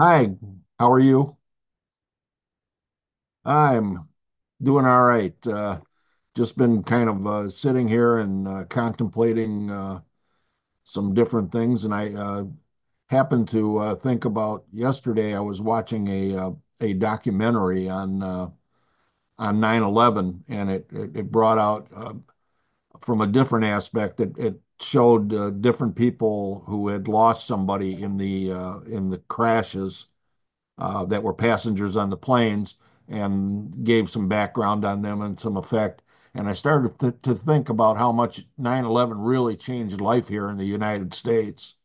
Hi, how are you? I'm doing all right. Just been kind of sitting here and contemplating some different things, and I happened to think about yesterday. I was watching a documentary on on 9/11, and it brought out from a different aspect. It showed different people who had lost somebody in the crashes that were passengers on the planes and gave some background on them and some effect. And I started to think about how much 9/11 really changed life here in the United States.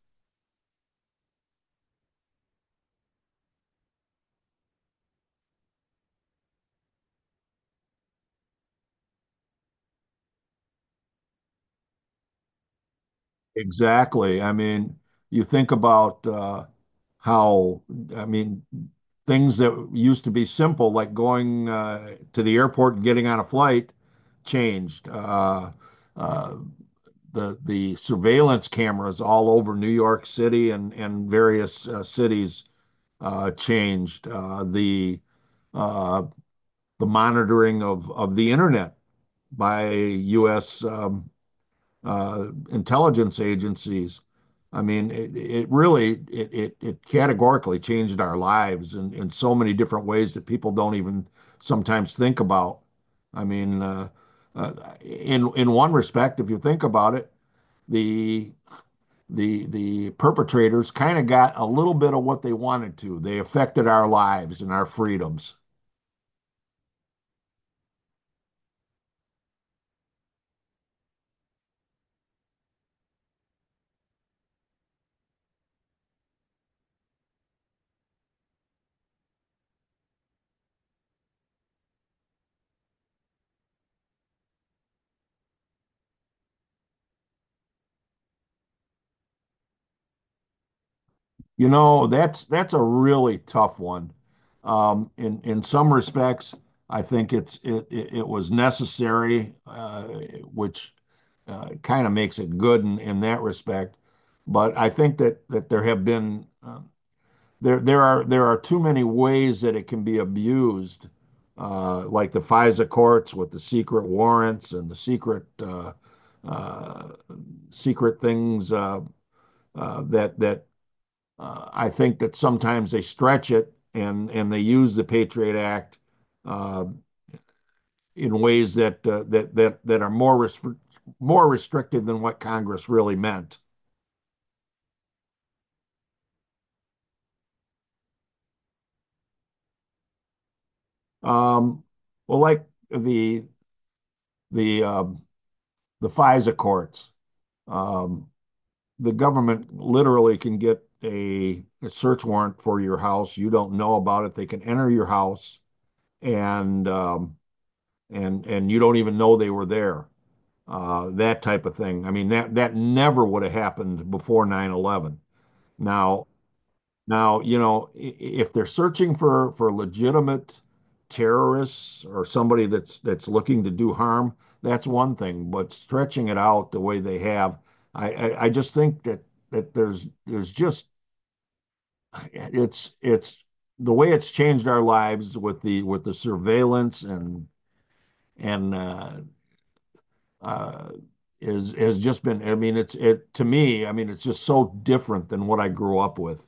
Exactly. I mean, you think about how, I mean, things that used to be simple, like going to the airport and getting on a flight, changed. Uh, the surveillance cameras all over New York City and various cities changed. Uh, the monitoring of the internet by U.S. intelligence agencies. I mean, it really it categorically changed our lives in so many different ways that people don't even sometimes think about. I mean, uh, in one respect, if you think about it, the the perpetrators kind of got a little bit of what they wanted to. They affected our lives and our freedoms. You know, that's a really tough one. In some respects, I think it was necessary, which kind of makes it good in that respect. But I think that there have been there are too many ways that it can be abused, like the FISA courts with the secret warrants and the secret uh, secret things that that I think that sometimes they stretch it and they use the Patriot Act uh, in ways that that are more restrictive than what Congress really meant. Um, well, like the um the FISA courts. Um, the government literally can get a search warrant for your house. You don't know about it. They can enter your house and um, and you don't even know they were there. That type of thing. I mean, that never would have happened before 9/11. Now, now, if they're searching for legitimate terrorists or somebody that's looking to do harm, that's one thing. But stretching it out the way they have, I just think that there's just it's the way it's changed our lives with the surveillance and uh, is has just been. I mean, it's it to me. I mean, it's just so different than what I grew up with.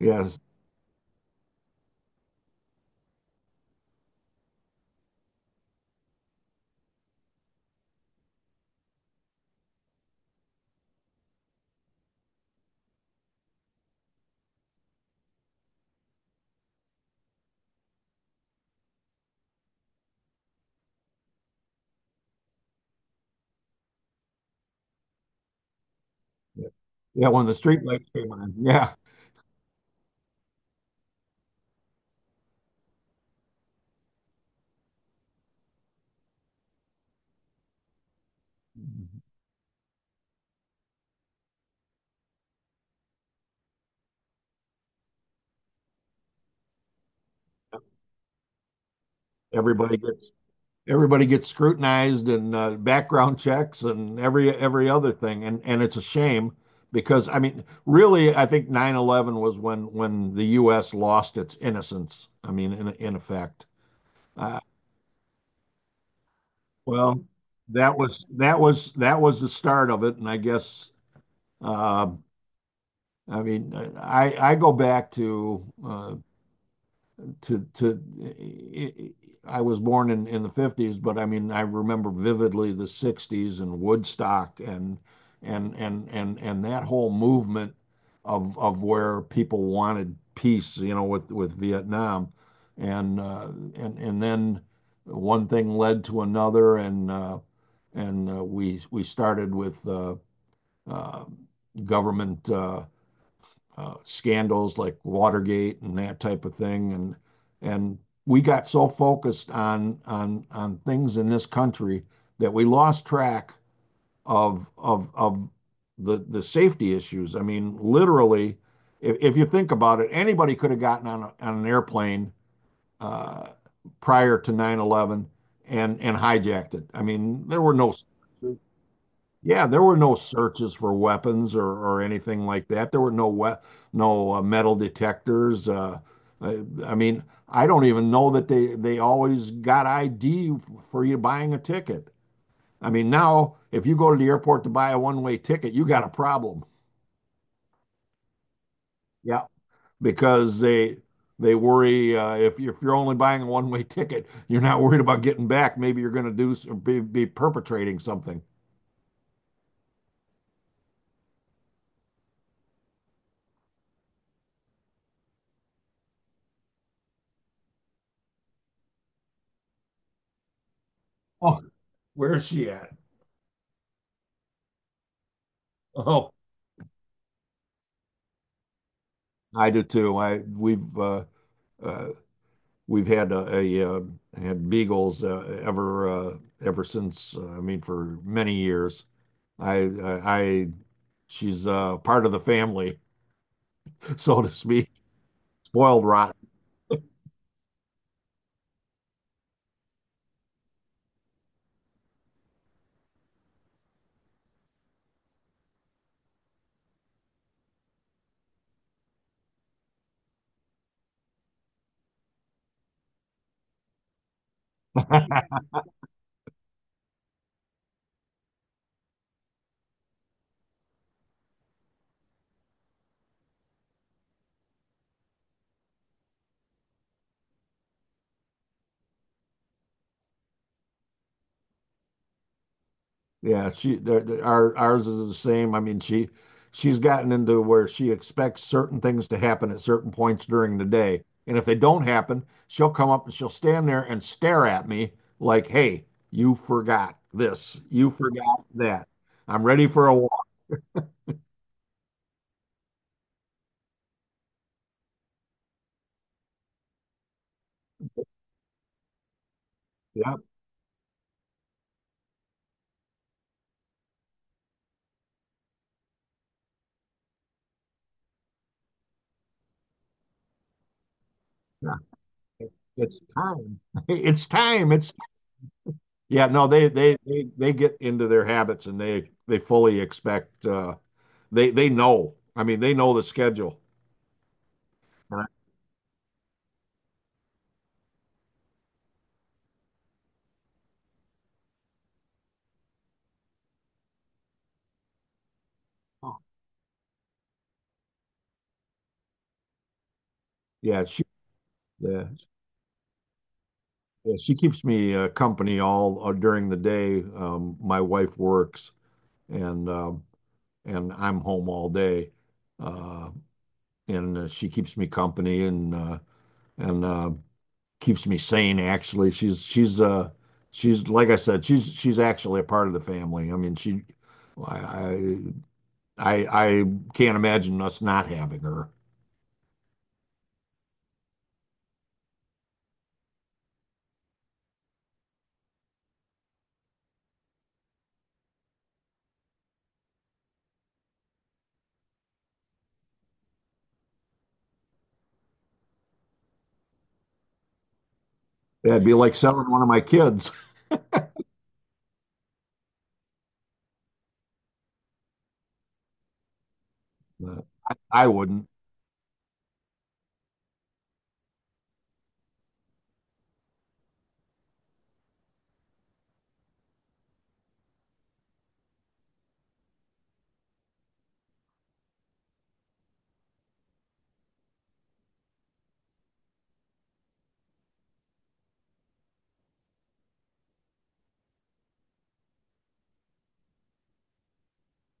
Yes. Yeah, yeah, when the street lights came on, yeah. Everybody gets, everybody gets scrutinized and background checks and every other thing. And it's a shame because, I mean, really, I think 9/11 was when the US lost its innocence. I mean, in effect. Uh, well, that was the start of it. And I guess, uh, I mean, I go back to to it, I was born in the 50s, but I mean I remember vividly the 60s and Woodstock and that whole movement of where people wanted peace, you know, with Vietnam, and uh, and then one thing led to another, and we started with uh, government scandals like Watergate and that type of thing, and we got so focused on things in this country that we lost track of the safety issues. I mean, literally, if you think about it, anybody could have gotten on an airplane uh, prior to 9/11 and hijacked it. I mean, there were no yeah, there were no searches for weapons or anything like that. There were no metal detectors. I, I mean, I don't even know that they always got ID for you buying a ticket. I mean, now if you go to the airport to buy a one-way ticket, you got a problem. Yeah, because they worry if you're only buying a one-way ticket, you're not worried about getting back. Maybe you're going to be perpetrating something. Oh, where's she at? Oh. I do too. I uh, we've had a had beagles ever since. I mean, for many years. I I she's part of the family, so to speak. Spoiled rotten. Yeah, she there there- our ours is the same. I mean, she's gotten into where she expects certain things to happen at certain points during the day. And if they don't happen, she'll come up and she'll stand there and stare at me like, "Hey, you forgot this. You forgot that. I'm ready for a walk." Yeah, yeah. It's time. It's time. It's yeah, no, they get into their habits and they fully expect they know. I mean, they know the schedule. And I- Yeah, yeah, yeah, she keeps me company all during the day. My wife works and um, and I'm home all day. Uh, and She keeps me company and keeps me sane actually. She's like I said, she's actually a part of the family. I mean, she I I can't imagine us not having her. That'd be like selling one of my kids. But I wouldn't.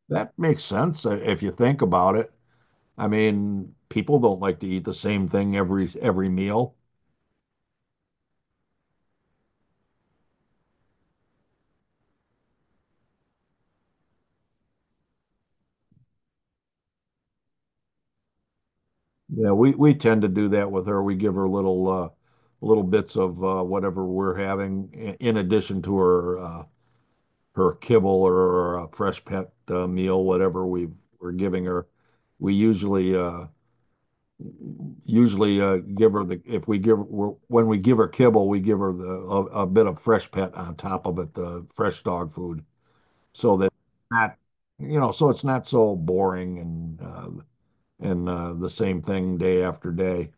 That makes sense if you think about it. I mean, people don't like to eat the same thing every meal. Yeah, we tend to do that with her. We give her little bits of whatever we're having in addition to her kibble or a fresh pet meal, whatever we're giving her. We usually give her the if we give we're, when we give her kibble, we give her a bit of fresh pet on top of it, the fresh dog food. So that not, so it's not so boring and the same thing day after day.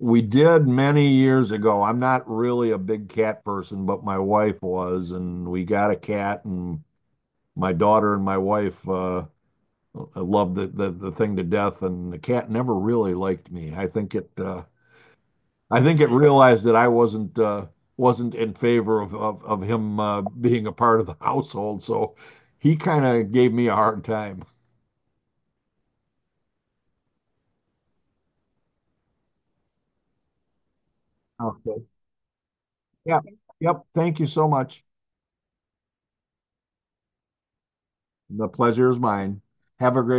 We did many years ago. I'm not really a big cat person, but my wife was, and we got a cat, and my daughter and my wife loved the thing to death, and the cat never really liked me. I think it realized that I wasn't in favor of him being a part of the household, so he kind of gave me a hard time. Okay, yeah, yep, thank you so much. The pleasure is mine. Have a great